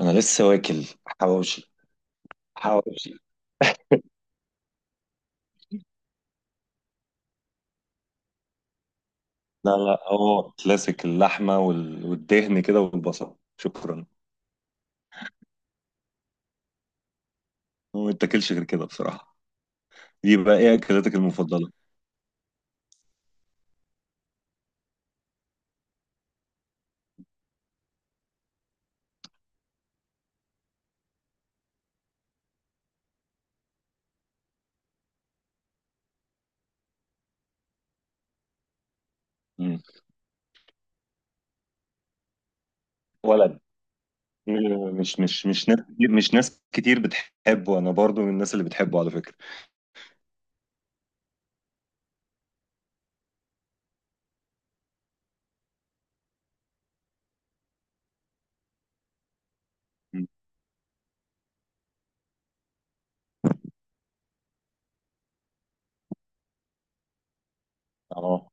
انا لسه واكل حواوشي، حواوشي. لا لا، هو كلاسيك، اللحمه والدهن كده، والبصل، شكرا. هو ما بتاكلش غير كده بصراحه. دي بقى ايه اكلاتك المفضله؟ مم. ولد. مش ناس كتير بتحبه، انا برضو من الناس اللي بتحبه على فكره. مم. اه،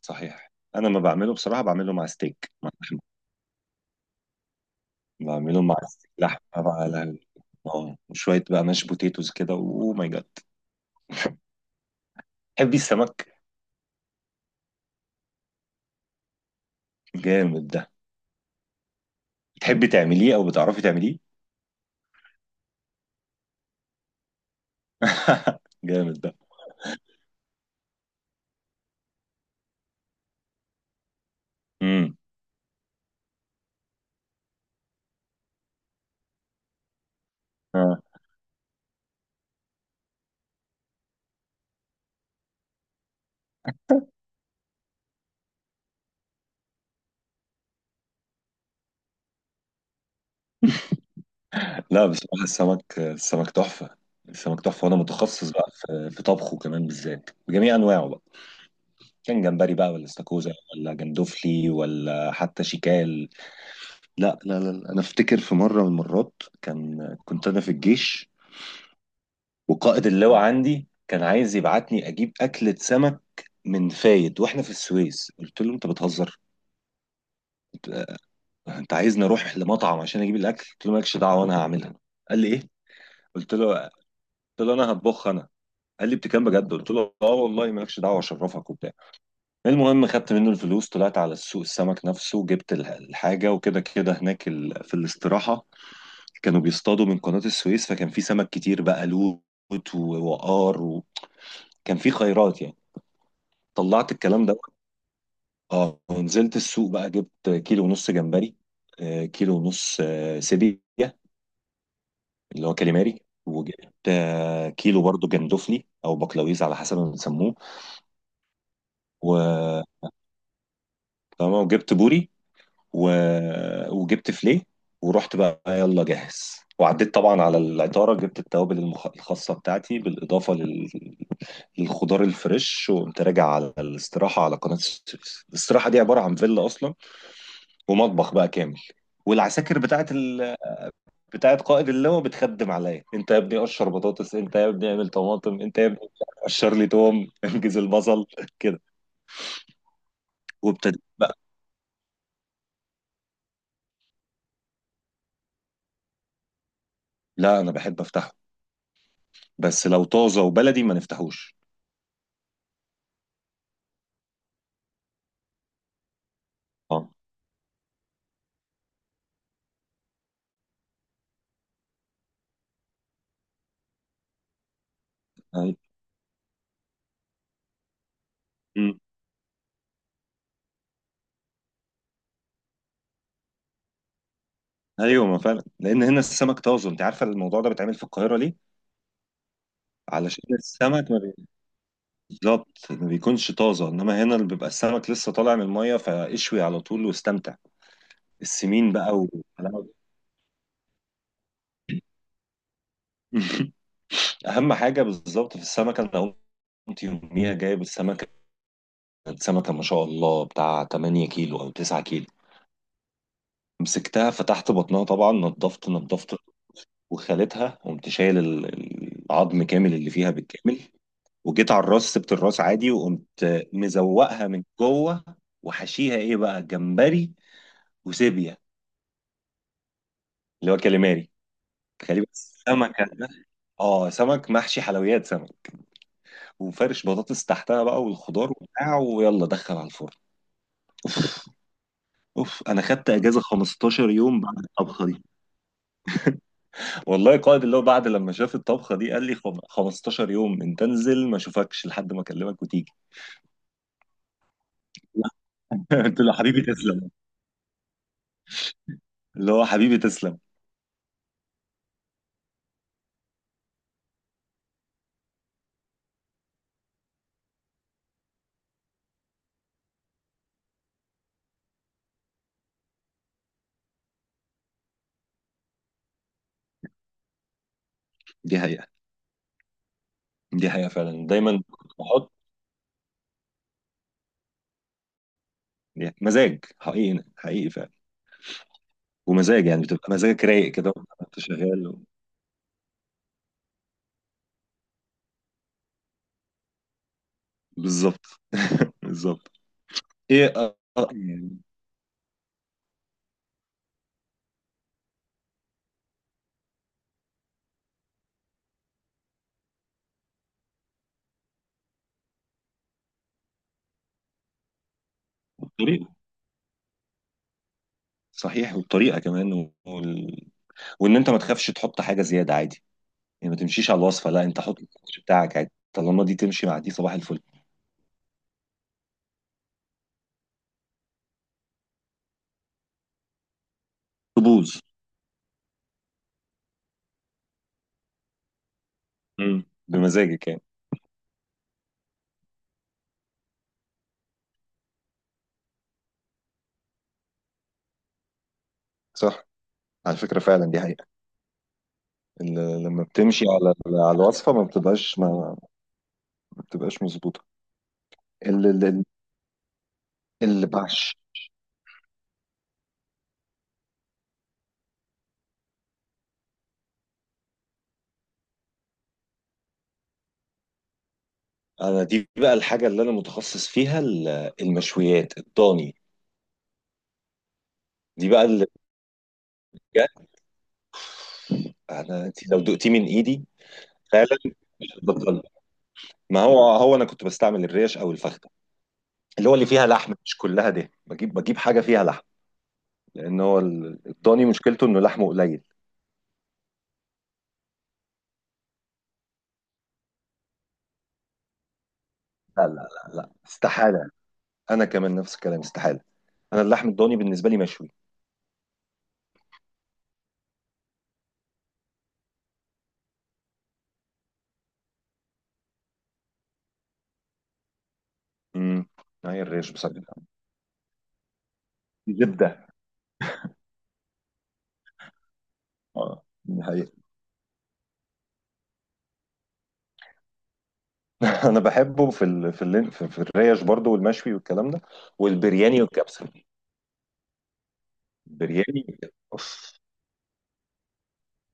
صحيح. انا ما بعمله بصراحه، بعمله مع ستيك، مع لحمه. بعمله مع ستيك لحمه بقى، على، اه، وشويه بقى ماش بوتيتوز كده، اوه ماي جاد. تحبي السمك؟ جامد ده. بتحبي تعمليه او بتعرفي تعمليه؟ جامد ده. امم، آه. لا بصراحه، السمك، السمك تحفه. السمك تحفه، وانا متخصص بقى في طبخه كمان، بالذات بجميع انواعه بقى. كان جمبري بقى، ولا استاكوزا، ولا جندوفلي، ولا حتى شيكال. لا لا لا لا. انا افتكر في مره من المرات، كنت انا في الجيش، وقائد اللواء عندي كان عايز يبعتني اجيب اكله سمك من فايد، واحنا في السويس. قلت له: انت بتهزر؟ انت عايزني اروح لمطعم عشان اجيب الاكل؟ قلت له مالكش دعوه، انا هعملها. قال لي ايه؟ قلت له قلت له انا هطبخ انا. قال لي بتكلم بجد؟ قلت له اه والله، مالكش دعوه، اشرفك وبتاع. المهم، خدت منه الفلوس، طلعت على السوق، السمك نفسه، جبت الحاجه وكده كده. هناك في الاستراحه، كانوا بيصطادوا من قناه السويس، فكان في سمك كتير بقى، لوت ووقار، وكان في خيرات يعني. طلعت الكلام ده، اه، ونزلت السوق بقى، جبت كيلو ونص جمبري، كيلو ونص، سيبيا، اللي هو كاليماري. وجبت، كيلو برضو جندفلي او بقلاويز، على حسب ما بنسموه. و تمام، وجبت بوري، و... وجبت فليه. ورحت بقى، يلا جاهز، وعديت طبعا على العطاره، جبت التوابل الخاصه بتاعتي، بالاضافه للخضار الفريش. وقمت راجع على الاستراحه، على قناه السويس. الاستراحه دي عباره عن فيلا اصلا، ومطبخ بقى كامل. والعساكر بتاعت بتاعت قائد اللواء بتخدم عليا: انت يا ابني قشر بطاطس، انت يا ابني اعمل طماطم، انت يا ابني قشر لي توم، انجز البصل كده. وابتديت بقى. لا انا بحب افتحه، بس لو طازه وبلدي ما نفتحوش. اه. أي- مم. ايوه، ما فعلا لان هنا السمك طازه. انت عارفه الموضوع ده بيتعمل في القاهره ليه؟ علشان السمك ما بي- بالظبط ما بيكونش طازه، انما هنا اللي بيبقى السمك لسه طالع من الميه، فاشوي على طول واستمتع. السمين بقى اهم حاجه بالظبط في السمك. انا كنت يوميها جايب السمكة، كانت سمكة ما شاء الله بتاع 8 كيلو أو 9 كيلو. مسكتها، فتحت بطنها طبعا، نضفت نضفت، وخالتها، قمت شايل العظم كامل اللي فيها بالكامل. وجيت على الراس، سبت الراس عادي، وقمت مزوقها من جوه، وحشيها ايه بقى؟ جمبري، وسيبيا اللي هو كاليماري. تخيلي بس، سمكة ده. اه، سمك محشي، حلويات سمك. وفرش بطاطس تحتها بقى، والخضار وبتاع، ويلا دخل على الفرن. اوف، انا خدت اجازه 15 يوم بعد الطبخه دي. والله القائد اللي هو، بعد لما شاف الطبخه دي، قال لي 15 يوم انت انزل، ما اشوفكش لحد ما اكلمك وتيجي. قلت له حبيبي تسلم، اللي هو حبيبي تسلم. دي حقيقه. دي حقيقه فعلا، دايما بحط مزاج حقيقي حقيقي فعلا. ومزاج يعني، بتبقى مزاجك رايق كده وانت شغال بالظبط. بالظبط. ايه، يعني الطريقه. صحيح، والطريقه كمان وان انت ما تخافش تحط حاجه زياده عادي. يعني ما تمشيش على الوصفه، لا، انت حط السكتش بتاعك عادي، طالما دي تمشي مع دي، صباح الفل. تبوظ. بمزاجك يعني. صح. على فكرة فعلا، دي حقيقة. لما بتمشي على الوصفة، ما بتبقاش ما ما بتبقاش مظبوطة. اللي اللي اللي بعش انا دي بقى الحاجه اللي انا متخصص فيها، المشويات الضاني. دي بقى اللي، بجد. انا، انت لو دقتي من ايدي فعلا مش هتبطل. ما هو، انا كنت بستعمل الريش او الفخده، اللي هو اللي فيها لحم مش كلها ده، بجيب حاجه فيها لحم، لان هو الضاني مشكلته انه لحمه قليل. لا لا لا لا، استحاله. انا كمان نفس الكلام، استحاله. انا اللحم الضاني بالنسبه لي مشوي. امم هي الريش بصراحه زبده. اه دي حقيقة. انا بحبه في ال... في, ال... في في الريش برضو، والمشوي والكلام ده، والبرياني والكبسه. البرياني والكبسة، اوف.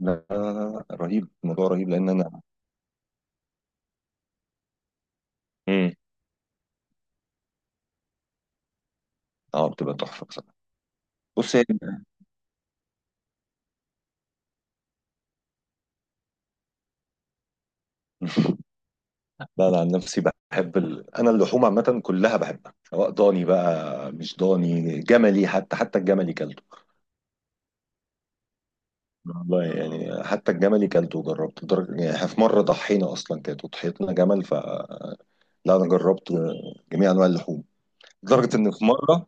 لا لا لا لا، رهيب، الموضوع رهيب لان انا. امم اه، بتبقى تحفه بصراحه. بص، هي لا انا عن نفسي بحب انا اللحوم عامه كلها بحبها، سواء ضاني بقى، مش ضاني، جملي، حتى حتى الجملي كلته. والله يعني، حتى الجملي كلته وجربته، لدرجه يعني، إحنا في مره ضحينا اصلا كانت وضحيتنا جمل، فلا. انا جربت جميع انواع اللحوم، لدرجه ان في مره.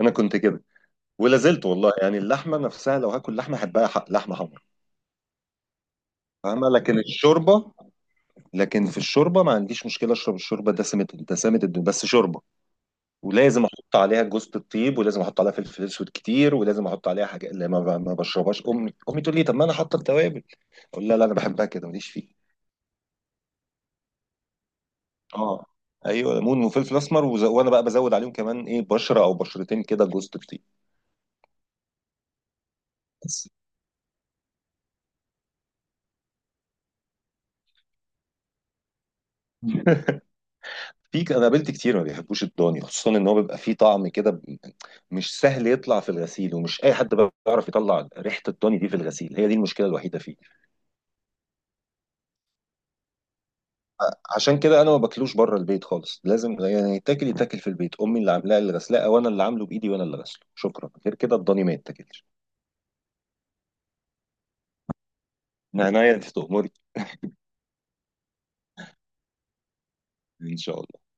انا كنت كده ولا زلت والله، يعني اللحمه نفسها لو هاكل لحمه، احبها حق لحمه حمرا. فاهمه، لكن الشوربه. لكن في الشوربه، ما عنديش مشكله، اشرب الشوربه دسمه دسمه الدنيا، بس شوربه. ولازم احط عليها جوزة الطيب، ولازم احط عليها فلفل اسود كتير، ولازم احط عليها حاجه اللي ما بشربهاش. امي تقول لي: طب ما انا حاطه التوابل. اقول لها لا، انا بحبها كده، ماليش فيه. اه، ايوه، ليمون وفلفل اسمر وانا بقى بزود عليهم كمان ايه؟ بشره او بشرتين كده جوزة الطيب. بس. انا قابلت كتير ما بيحبوش الضاني، خصوصا ان هو بيبقى فيه طعم كده مش سهل يطلع في الغسيل، ومش اي حد بيعرف يطلع ريحه الضاني دي في الغسيل. هي دي المشكله الوحيده فيه. عشان كده انا ما باكلوش بره البيت خالص، لازم يعني يتاكل في البيت، امي اللي عاملاه، اللي غسلاه، وانا اللي عامله بايدي، وانا اللي غسله شكرا. غير كده الضاني ما يتاكلش. من عناية، انت تأمري. ان شاء الله.